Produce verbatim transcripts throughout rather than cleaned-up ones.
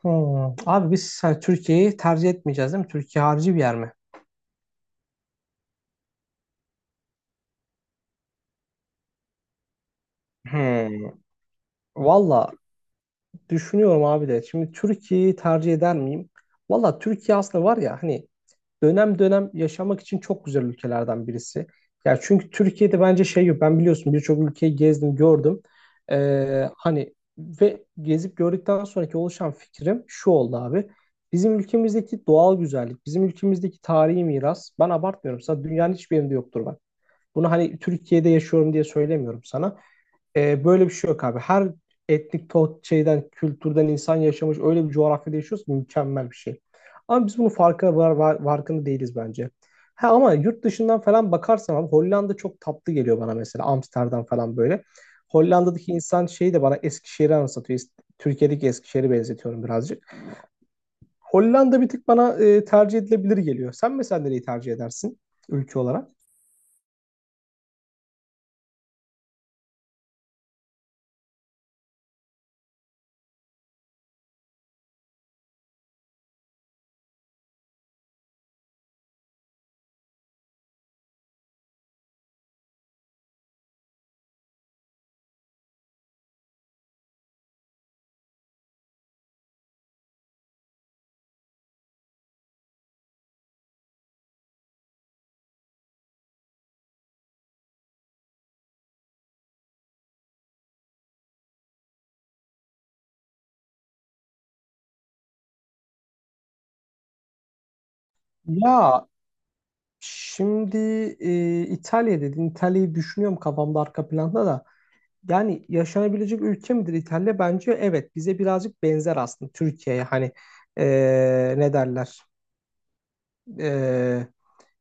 Hmm. Abi biz hani Türkiye'yi tercih etmeyeceğiz değil mi? Türkiye harici bir yer mi? Hmm. Valla düşünüyorum abi de. Şimdi Türkiye'yi tercih eder miyim? Valla Türkiye aslında var ya hani dönem dönem yaşamak için çok güzel ülkelerden birisi. Ya çünkü Türkiye'de bence şey yok. Ben biliyorsun birçok ülkeyi gezdim, gördüm. Ee, hani ve gezip gördükten sonraki oluşan fikrim şu oldu abi. Bizim ülkemizdeki doğal güzellik, bizim ülkemizdeki tarihi miras. Ben abartmıyorum. Sana dünyanın hiçbir yerinde yoktur bak. Bunu hani Türkiye'de yaşıyorum diye söylemiyorum sana. Ee, böyle bir şey yok abi. Her etnik to- şeyden, kültürden insan yaşamış öyle bir coğrafyada yaşıyoruz ki mükemmel bir şey. Ama biz bunun farkına var, var- farkında değiliz bence. Ha ama yurt dışından falan bakarsam abi Hollanda çok tatlı geliyor bana mesela. Amsterdam falan böyle. Hollanda'daki insan şeyi de bana Eskişehir'i anlatıyor. Es- Türkiye'deki Eskişehir'i benzetiyorum birazcık. Hollanda bir tık bana e, tercih edilebilir geliyor. Sen mesela nereyi tercih edersin ülke olarak? Ya, şimdi e, İtalya dedin. İtalya'yı düşünüyorum kafamda arka planda da. Yani yaşanabilecek ülke midir İtalya? Bence evet. Bize birazcık benzer aslında Türkiye'ye. Hani e, ne derler?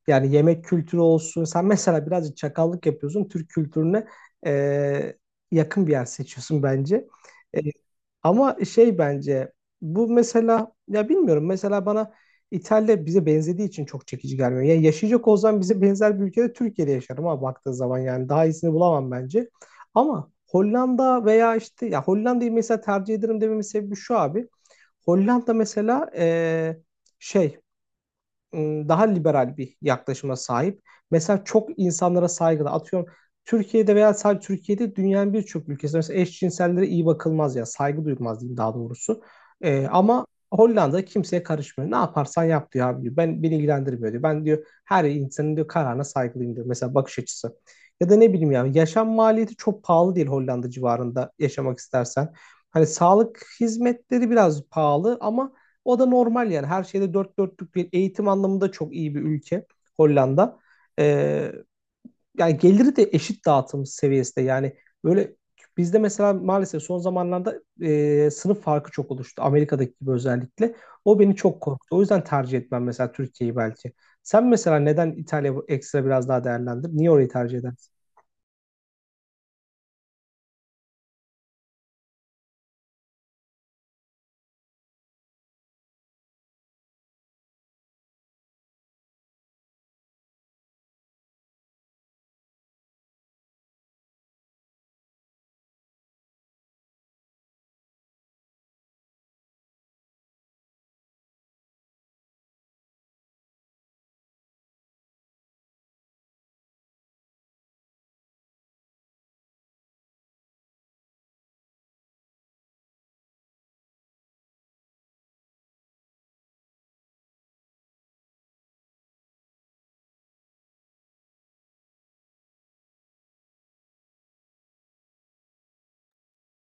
Yani yemek kültürü olsun. Sen mesela birazcık çakallık yapıyorsun. Türk kültürüne e, yakın bir yer seçiyorsun bence. E, ama şey bence bu mesela ya bilmiyorum mesela bana İtalya bize benzediği için çok çekici gelmiyor. Yani yaşayacak olsam bize benzer bir ülkede Türkiye'de yaşarım ama baktığı zaman yani daha iyisini bulamam bence. Ama Hollanda veya işte ya Hollanda'yı mesela tercih ederim dememin sebebi şu abi. Hollanda mesela e, şey ım, daha liberal bir yaklaşıma sahip. Mesela çok insanlara saygılı. Atıyorum Türkiye'de veya sadece Türkiye'de dünyanın birçok ülkesinde mesela eşcinsellere iyi bakılmaz ya saygı duyulmaz diyeyim daha doğrusu. Ee, ama Hollanda kimseye karışmıyor. Ne yaparsan yap diyor abi diyor. Ben beni ilgilendirmiyor diyor. Ben diyor her insanın diyor kararına saygılıyım diyor. Mesela bakış açısı. Ya da ne bileyim yani yaşam maliyeti çok pahalı değil Hollanda civarında yaşamak istersen. Hani sağlık hizmetleri biraz pahalı ama o da normal yani. Her şeyde dört dörtlük bir eğitim anlamında çok iyi bir ülke Hollanda. Ee, yani geliri de eşit dağıtım seviyesinde. Yani böyle bizde mesela maalesef son zamanlarda e, sınıf farkı çok oluştu. Amerika'daki gibi özellikle. O beni çok korktu. O yüzden tercih etmem mesela Türkiye'yi belki. Sen mesela neden İtalya ekstra biraz daha değerlendir? Niye orayı tercih edersin?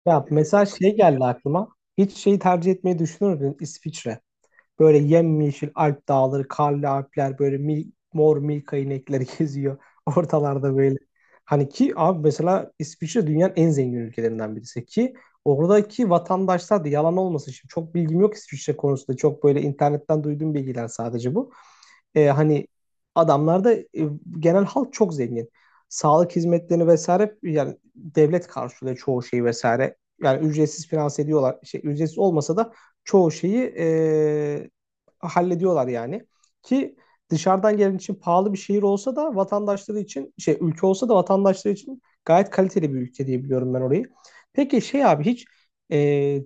Ya mesela şey geldi aklıma. Hiç şeyi tercih etmeyi düşünür müydün? İsviçre. Böyle yemyeşil Alp dağları, karlı Alpler böyle mil, mor Milka inekleri geziyor ortalarda böyle. Hani ki abi mesela İsviçre dünyanın en zengin ülkelerinden birisi ki oradaki vatandaşlar da yalan olmasın şimdi çok bilgim yok İsviçre konusunda çok böyle internetten duyduğum bilgiler sadece bu. E, hani adamlarda e, genel halk çok zengin. Sağlık hizmetlerini vesaire yani devlet karşılıyor çoğu şeyi vesaire. Yani ücretsiz finanse ediyorlar. Şey, ücretsiz olmasa da çoğu şeyi e, hallediyorlar yani. Ki dışarıdan gelen için pahalı bir şehir olsa da vatandaşları için şey ülke olsa da vatandaşları için gayet kaliteli bir ülke diye biliyorum ben orayı. Peki şey abi hiç e,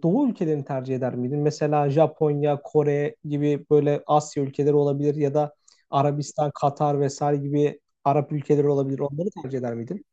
doğu ülkelerini tercih eder miydin? Mesela Japonya, Kore gibi böyle Asya ülkeleri olabilir ya da Arabistan, Katar vesaire gibi Arap ülkeleri olabilir. Onları tercih eder miydin?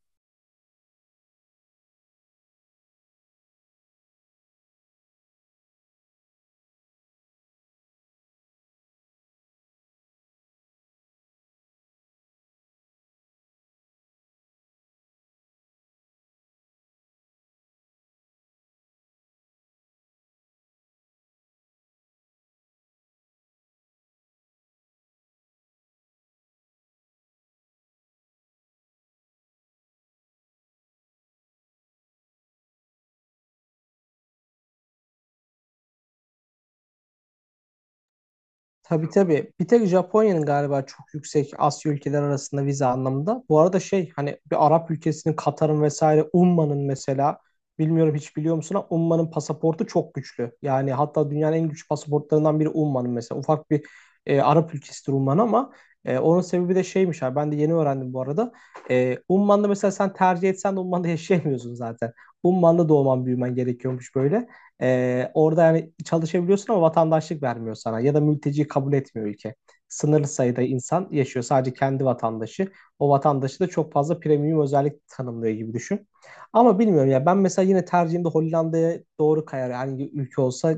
Tabii tabii. Bir tek Japonya'nın galiba çok yüksek Asya ülkeler arasında vize anlamında. Bu arada şey hani bir Arap ülkesinin Katar'ın vesaire Umman'ın mesela bilmiyorum hiç biliyor musun ama Umman'ın pasaportu çok güçlü. Yani hatta dünyanın en güçlü pasaportlarından biri Umman'ın mesela. Ufak bir e, Arap ülkesidir Umman ama e, onun sebebi de şeymiş abi ben de yeni öğrendim bu arada. E, Umman'da mesela sen tercih etsen de Umman'da yaşayamıyorsun zaten. Umman'da doğman büyümen gerekiyormuş böyle. Ee, orada yani çalışabiliyorsun ama vatandaşlık vermiyor sana ya da mülteci kabul etmiyor ülke. Sınırlı sayıda insan yaşıyor sadece kendi vatandaşı. O vatandaşı da çok fazla premium özellik tanımlıyor gibi düşün. Ama bilmiyorum ya ben mesela yine tercihimde Hollanda'ya doğru kayar. Yani ülke olsa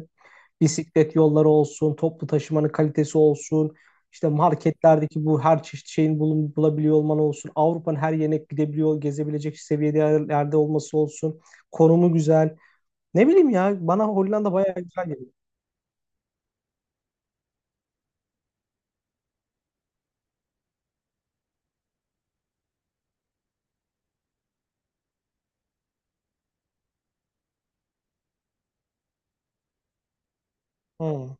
bisiklet yolları olsun, toplu taşımanın kalitesi olsun, işte marketlerdeki bu her çeşit şeyin bulun, bulabiliyor olman olsun, Avrupa'nın her yerine gidebiliyor, gezebilecek seviyede yerlerde olması olsun, konumu güzel. Ne bileyim ya bana Hollanda bayağı güzel geliyor. Hmm.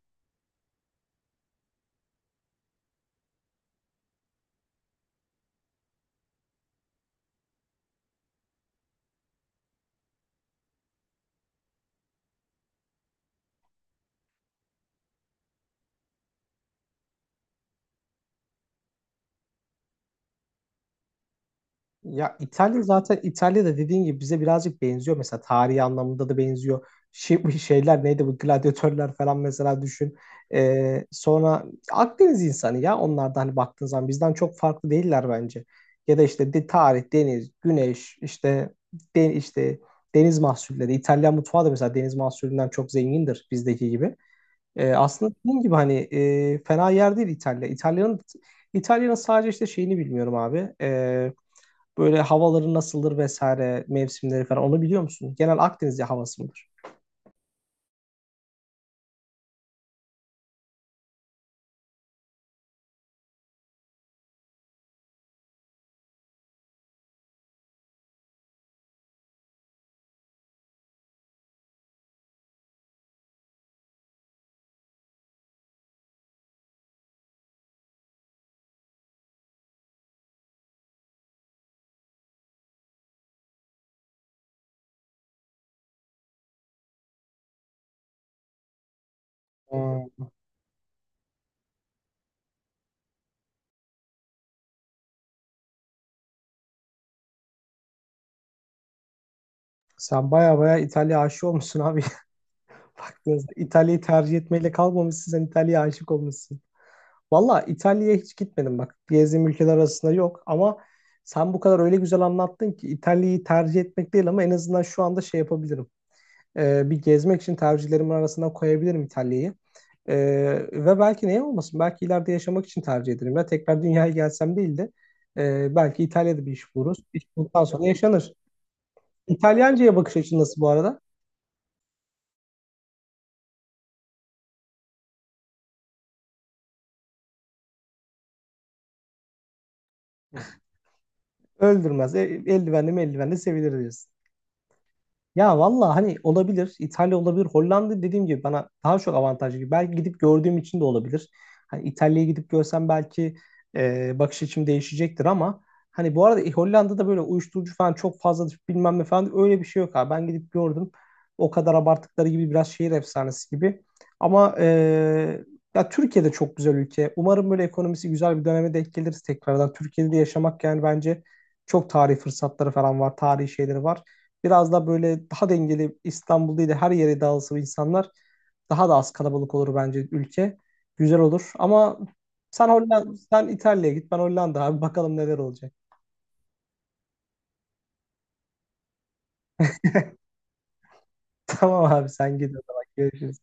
Ya İtalya zaten İtalya'da dediğin gibi bize birazcık benziyor. Mesela tarihi anlamında da benziyor. Şey, bu şeyler neydi bu gladyatörler falan mesela düşün. Ee, sonra Akdeniz insanı ya onlar da hani baktığın zaman bizden çok farklı değiller bence. Ya da işte de, tarih, deniz, güneş, işte de, işte deniz mahsulleri. İtalyan mutfağı da mesela deniz mahsullerinden çok zengindir bizdeki gibi. E, aslında dediğim gibi hani e, fena yer değil İtalya. İtalya'nın İtalya'nın sadece işte şeyini bilmiyorum abi. E, böyle havaları nasıldır vesaire mevsimleri falan onu biliyor musun? Genel Akdeniz havası mıdır? Hmm. Sen baya baya İtalya aşık olmuşsun abi. Baktığınızda İtalya'yı tercih etmeyle kalmamışsın sen İtalya'ya aşık olmuşsun. Valla İtalya'ya hiç gitmedim bak. Gezdiğim ülkeler arasında yok ama sen bu kadar öyle güzel anlattın ki İtalya'yı tercih etmek değil ama en azından şu anda şey yapabilirim. Ee, bir gezmek için tercihlerimin arasına koyabilirim İtalya'yı. Ee, ve belki neye olmasın? Belki ileride yaşamak için tercih ederim. Ya tekrar dünyaya gelsem değil de e, belki İtalya'da bir iş buluruz. İş bulduktan sonra yaşanır. İtalyanca'ya bakış açın nasıl bu arada? Öldürmez. E, eldivenli mi eldivenli sevilir diyorsun. Ya valla hani olabilir. İtalya olabilir. Hollanda dediğim gibi bana daha çok avantajlı gibi. Belki gidip gördüğüm için de olabilir. Hani İtalya'yı gidip görsem belki e, bakış açım değişecektir ama hani bu arada e, Hollanda'da böyle uyuşturucu falan çok fazladır bilmem ne falan öyle bir şey yok abi. Ben gidip gördüm. O kadar abarttıkları gibi biraz şehir efsanesi gibi. Ama e, ya Türkiye'de çok güzel ülke. Umarım böyle ekonomisi güzel bir döneme denk geliriz tekrardan. Türkiye'de de yaşamak yani bence çok tarihi fırsatları falan var. Tarihi şeyleri var. Biraz da böyle daha dengeli İstanbul değil de her yere dağılsa insanlar daha da az kalabalık olur bence ülke. Güzel olur ama sen Hollanda, sen İtalya'ya git ben Hollanda abi bakalım neler olacak. Tamam abi sen git o zaman görüşürüz.